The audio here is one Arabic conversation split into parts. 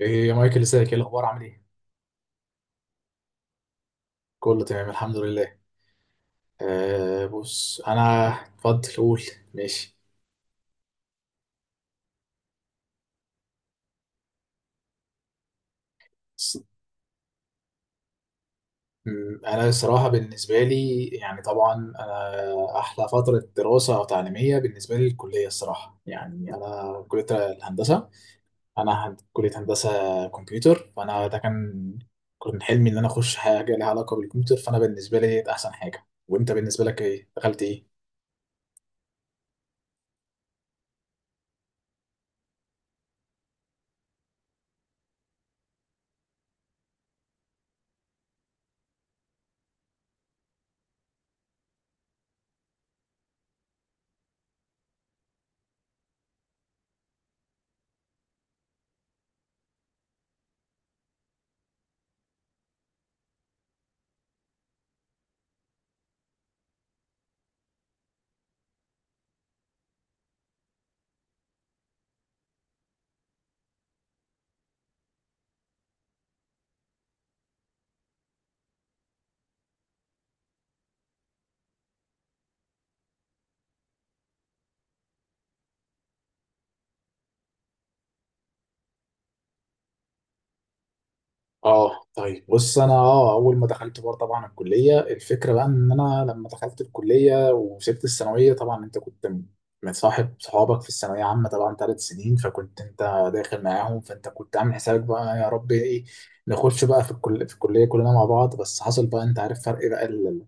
ايه يا مايكل، ازيك؟ ايه الاخبار؟ عامل ايه؟ كله تمام الحمد لله. آه، بص انا اتفضل قول. ماشي. س- انا الصراحه بالنسبه لي يعني طبعا. انا احلى فتره دراسه او تعليميه بالنسبه لي الكليه الصراحه يعني، انا كليه الهندسه. انا كليه هندسه كمبيوتر، فانا ده كان حلمي ان انا اخش حاجه لها علاقه بالكمبيوتر، فانا بالنسبه لي ده احسن حاجه. وانت بالنسبه لك ايه؟ دخلت ايه؟ اه طيب بص انا اه اول ما دخلت بار طبعا الكليه، الفكره بقى ان انا لما دخلت الكليه وسبت الثانويه طبعا انت كنت متصاحب صحابك في الثانويه عامه طبعا 3 سنين، فكنت انت داخل معاهم، فانت كنت عامل حسابك بقى يا رب ايه نخش بقى في في الكليه كلنا مع بعض. بس حصل بقى انت عارف فرق بقى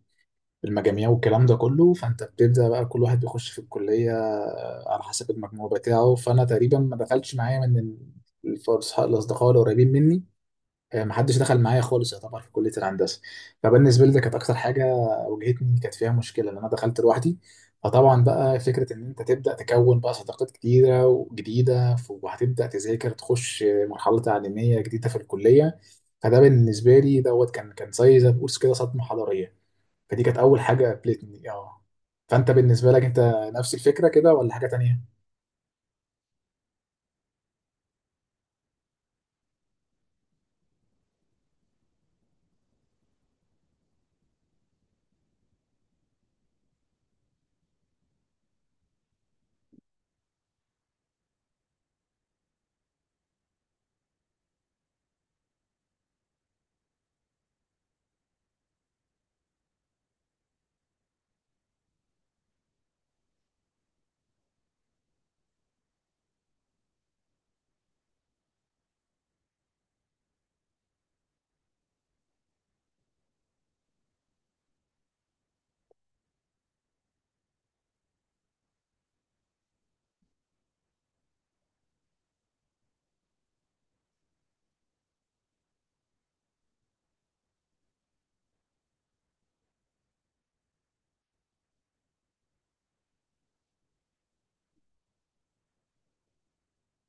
المجاميع والكلام ده كله، فانت بتبدا بقى كل واحد بيخش في الكليه على حسب المجموع بتاعه. فانا تقريبا ما دخلتش معايا من الاصدقاء القريبين مني. محدش دخل معايا خالص يعتبر في كلية الهندسة. فبالنسبة لي ده كانت أكتر حاجة واجهتني، كانت فيها مشكلة لأن أنا دخلت لوحدي. فطبعا بقى فكرة إن أنت تبدأ تكون بقى صداقات كتيرة وجديدة وهتبدأ تذاكر تخش مرحلة تعليمية جديدة في الكلية. فده بالنسبة لي دوت كان زي ما تقول كده صدمة حضارية. فدي كانت أول حاجة قابلتني فأنت بالنسبة لك أنت نفس الفكرة كده ولا حاجة تانية؟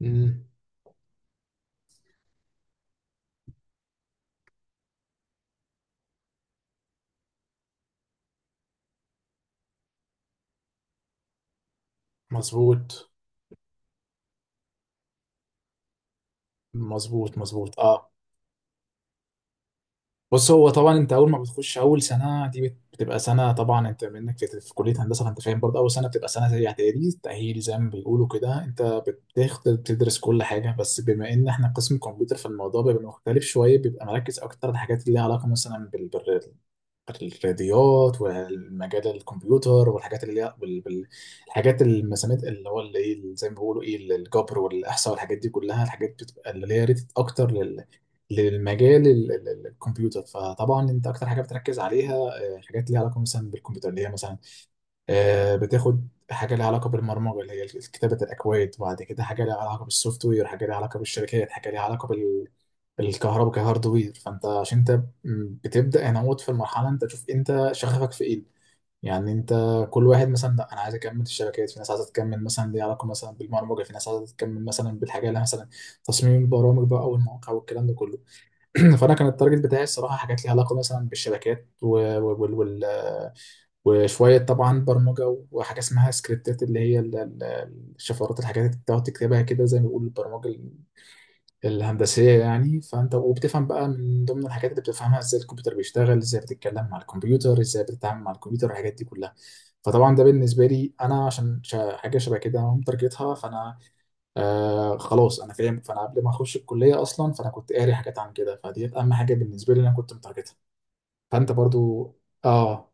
مم. مظبوط مظبوط مظبوط، اه. بص هو طبعا انت اول ما بتخش اول سنه دي بتبقى سنه. طبعا انت منك في كليه هندسه، فانت فاهم برضه اول سنه بتبقى سنه زي اعدادي تاهيل زي ما بيقولوا كده، انت بتاخد تدرس كل حاجه. بس بما ان احنا قسم كمبيوتر فالموضوع بيبقى مختلف شويه، بيبقى مركز اكتر على الحاجات اللي ليها علاقه مثلا الرياضيات والمجال الكمبيوتر والحاجات اللي هي الحاجات المسامات اللي هو اللي ايه زي ما بيقولوا ايه الجبر والاحصاء والحاجات دي كلها. الحاجات بتبقى اللي هي ريتد اكتر لل للمجال الكمبيوتر. فطبعا انت اكتر حاجه بتركز عليها حاجات ليها علاقه مثلا بالكمبيوتر اللي هي مثلا بتاخد حاجه ليها علاقه بالبرمجه اللي هي كتابه الاكواد، وبعد كده حاجه ليها علاقه بالسوفت وير، حاجه ليها علاقه بالشركات، حاجه ليها علاقه بال بالكهرباء كهاردوير. فانت عشان انت بتبدا هنا موت في المرحله انت تشوف انت شغفك في ايه يعني. انت كل واحد مثلا لا انا عايز اكمل الشبكات، في ناس عايزه تكمل مثلا ليها علاقه مثلا بالبرمجه، في ناس عايزه تكمل مثلا بالحاجه اللي مثلا تصميم البرامج بقى والمواقع والكلام ده كله. فانا كان التارجت بتاعي الصراحه حاجات ليها علاقه مثلا بالشبكات وال- وال- وشوية طبعا برمجة، وحاجة اسمها سكريبتات اللي هي الشفرات، الحاجات اللي بتقعد تكتبها كده زي ما بيقولوا البرمجة الهندسية يعني. فأنت وبتفهم بقى من ضمن الحاجات اللي بتفهمها ازاي الكمبيوتر بيشتغل، ازاي بتتكلم مع الكمبيوتر، ازاي بتتعامل مع الكمبيوتر الحاجات دي كلها. فطبعا ده بالنسبة لي أنا عشان حاجة شبه كده أنا مترجتها. فأنا آه خلاص أنا فاهم، فأنا قبل ما أخش الكلية أصلا فأنا كنت قاري حاجات عن كده، فدي أهم حاجة بالنسبة لي أنا كنت مترجتها. فأنت برضو آه.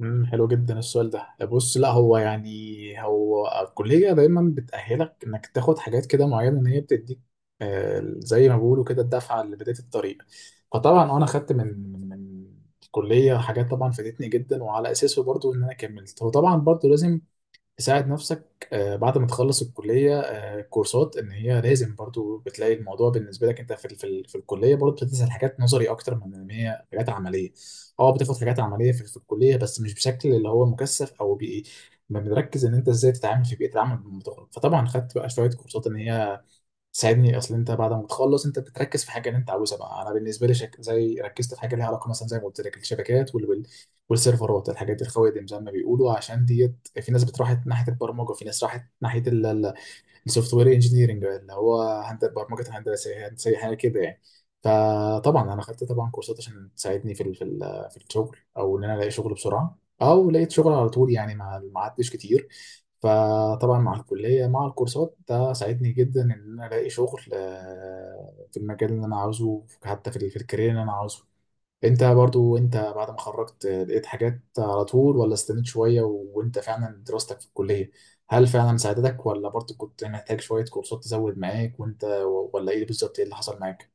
امم، حلو جدا السؤال ده. بص لا هو يعني هو الكلية دايما بتأهلك انك تاخد حاجات كده معينة ان هي بتديك زي ما بيقولوا كده الدفعة لبداية الطريق. فطبعا انا خدت من الكلية حاجات طبعا فادتني جدا، وعلى اساسه برضو ان انا كملت. وطبعا برضو لازم تساعد نفسك بعد ما تخلص الكلية كورسات ان هي لازم. برضو بتلاقي الموضوع بالنسبة لك انت في في الكلية برضو بتدرس حاجات نظري اكتر من ان هي حاجات عملية. اه بتاخد حاجات عملية في الكلية بس مش بشكل اللي هو مكثف او بيئي. ما بنركز ان انت ازاي تتعامل في بيئة العمل بالمطور. فطبعا خدت بقى شوية كورسات ان هي ساعدني. اصل انت بعد ما تخلص انت بتركز في حاجه اللي انت عاوزها بقى. انا بالنسبه لي زي ركزت في حاجه ليها علاقه مثلا زي ما قلت لك الشبكات والسيرفرات الحاجات الخوادم زي ما بيقولوا. عشان ديت في ناس بتروح ناحيه البرمجه، في ناس راحت ناحيه السوفت وير انجينيرنج اللي هو برمجه الهندسه هندسه حاجه كده يعني. فطبعا انا خدت طبعا كورسات عشان تساعدني في في الشغل، او ان انا الاقي شغل بسرعه، او لقيت شغل على طول يعني ما عدتش كتير. فطبعا مع الكليه مع الكورسات ده ساعدني جدا ان انا الاقي شغل في المجال اللي انا عاوزه، حتى في في الكارير اللي انا عاوزه. انت برضو انت بعد ما خرجت لقيت حاجات على طول ولا استنيت شوية، وانت فعلا دراستك في الكلية هل فعلا ساعدتك ولا برضو كنت محتاج شوية كورسات تزود معاك؟ وانت ولا ايه بالظبط ايه اللي حصل معاك؟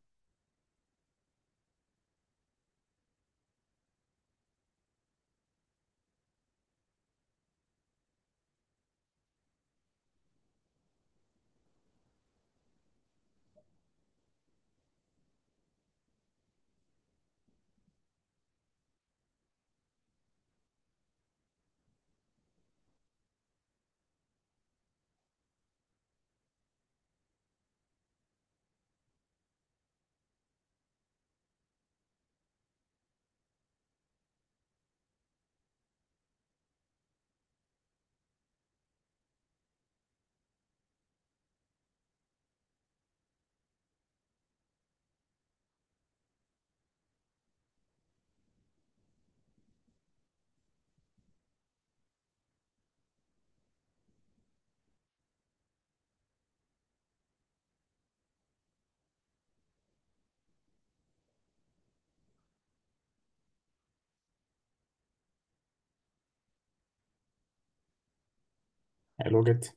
حلو جدا.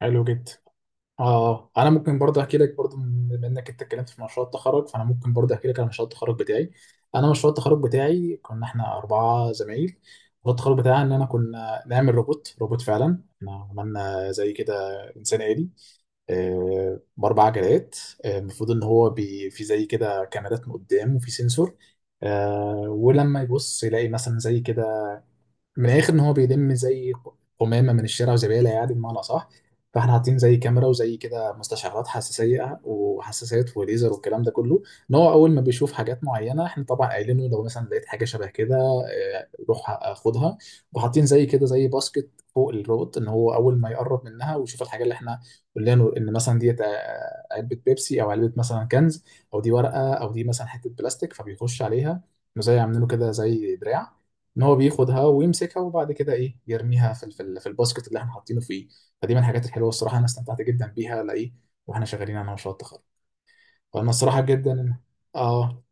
حلو جدا. اه انا ممكن برضه احكي لك برضه بما انك انت اتكلمت في مشروع التخرج فانا ممكن برضه احكي لك عن مشروع التخرج بتاعي. انا مشروع التخرج بتاعي كنا احنا اربعة زمايل، مشروع التخرج بتاعنا ان انا كنا نعمل روبوت فعلا احنا عملنا زي كده انسان آلي باربع عجلات. المفروض ان هو بي في زي كده كاميرات من قدام وفي سنسور. ولما يبص يلاقي مثلا زي كده من الاخر ان هو بيلم زي قمامه من الشارع وزباله يعني بمعنى صح. فاحنا حاطين زي كاميرا وزي كده مستشعرات حساسيه وحساسات وليزر والكلام ده كله، ان هو اول ما بيشوف حاجات معينه احنا طبعا قايلين له لو مثلا لقيت حاجه شبه كده روح خدها. وحاطين زي كده زي باسكت فوق الروبوت ان هو اول ما يقرب منها ويشوف الحاجه اللي احنا قلنا له ان مثلا ديت علبه بيبسي او علبه مثلا كنز، او دي ورقه، او دي مثلا حته بلاستيك، فبيخش عليها. زي عاملين له كده زي دراع ان هو بياخدها ويمسكها، وبعد كده ايه يرميها في في الباسكت اللي احنا حاطينه فيه. فدي من الحاجات الحلوه الصراحه انا استمتعت جدا بيها لايه واحنا شغالين على مشروع التخرج. فانا الصراحه جدا اه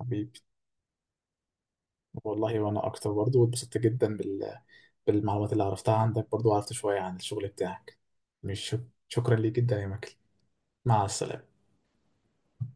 حبيبي. والله وانا اكتر برضو واتبسطت جدا بالمعلومات اللي عرفتها عندك، برضو عرفت شويه عن الشغل بتاعك. مش شكرا ليك جدا يا مكل. مع السلامه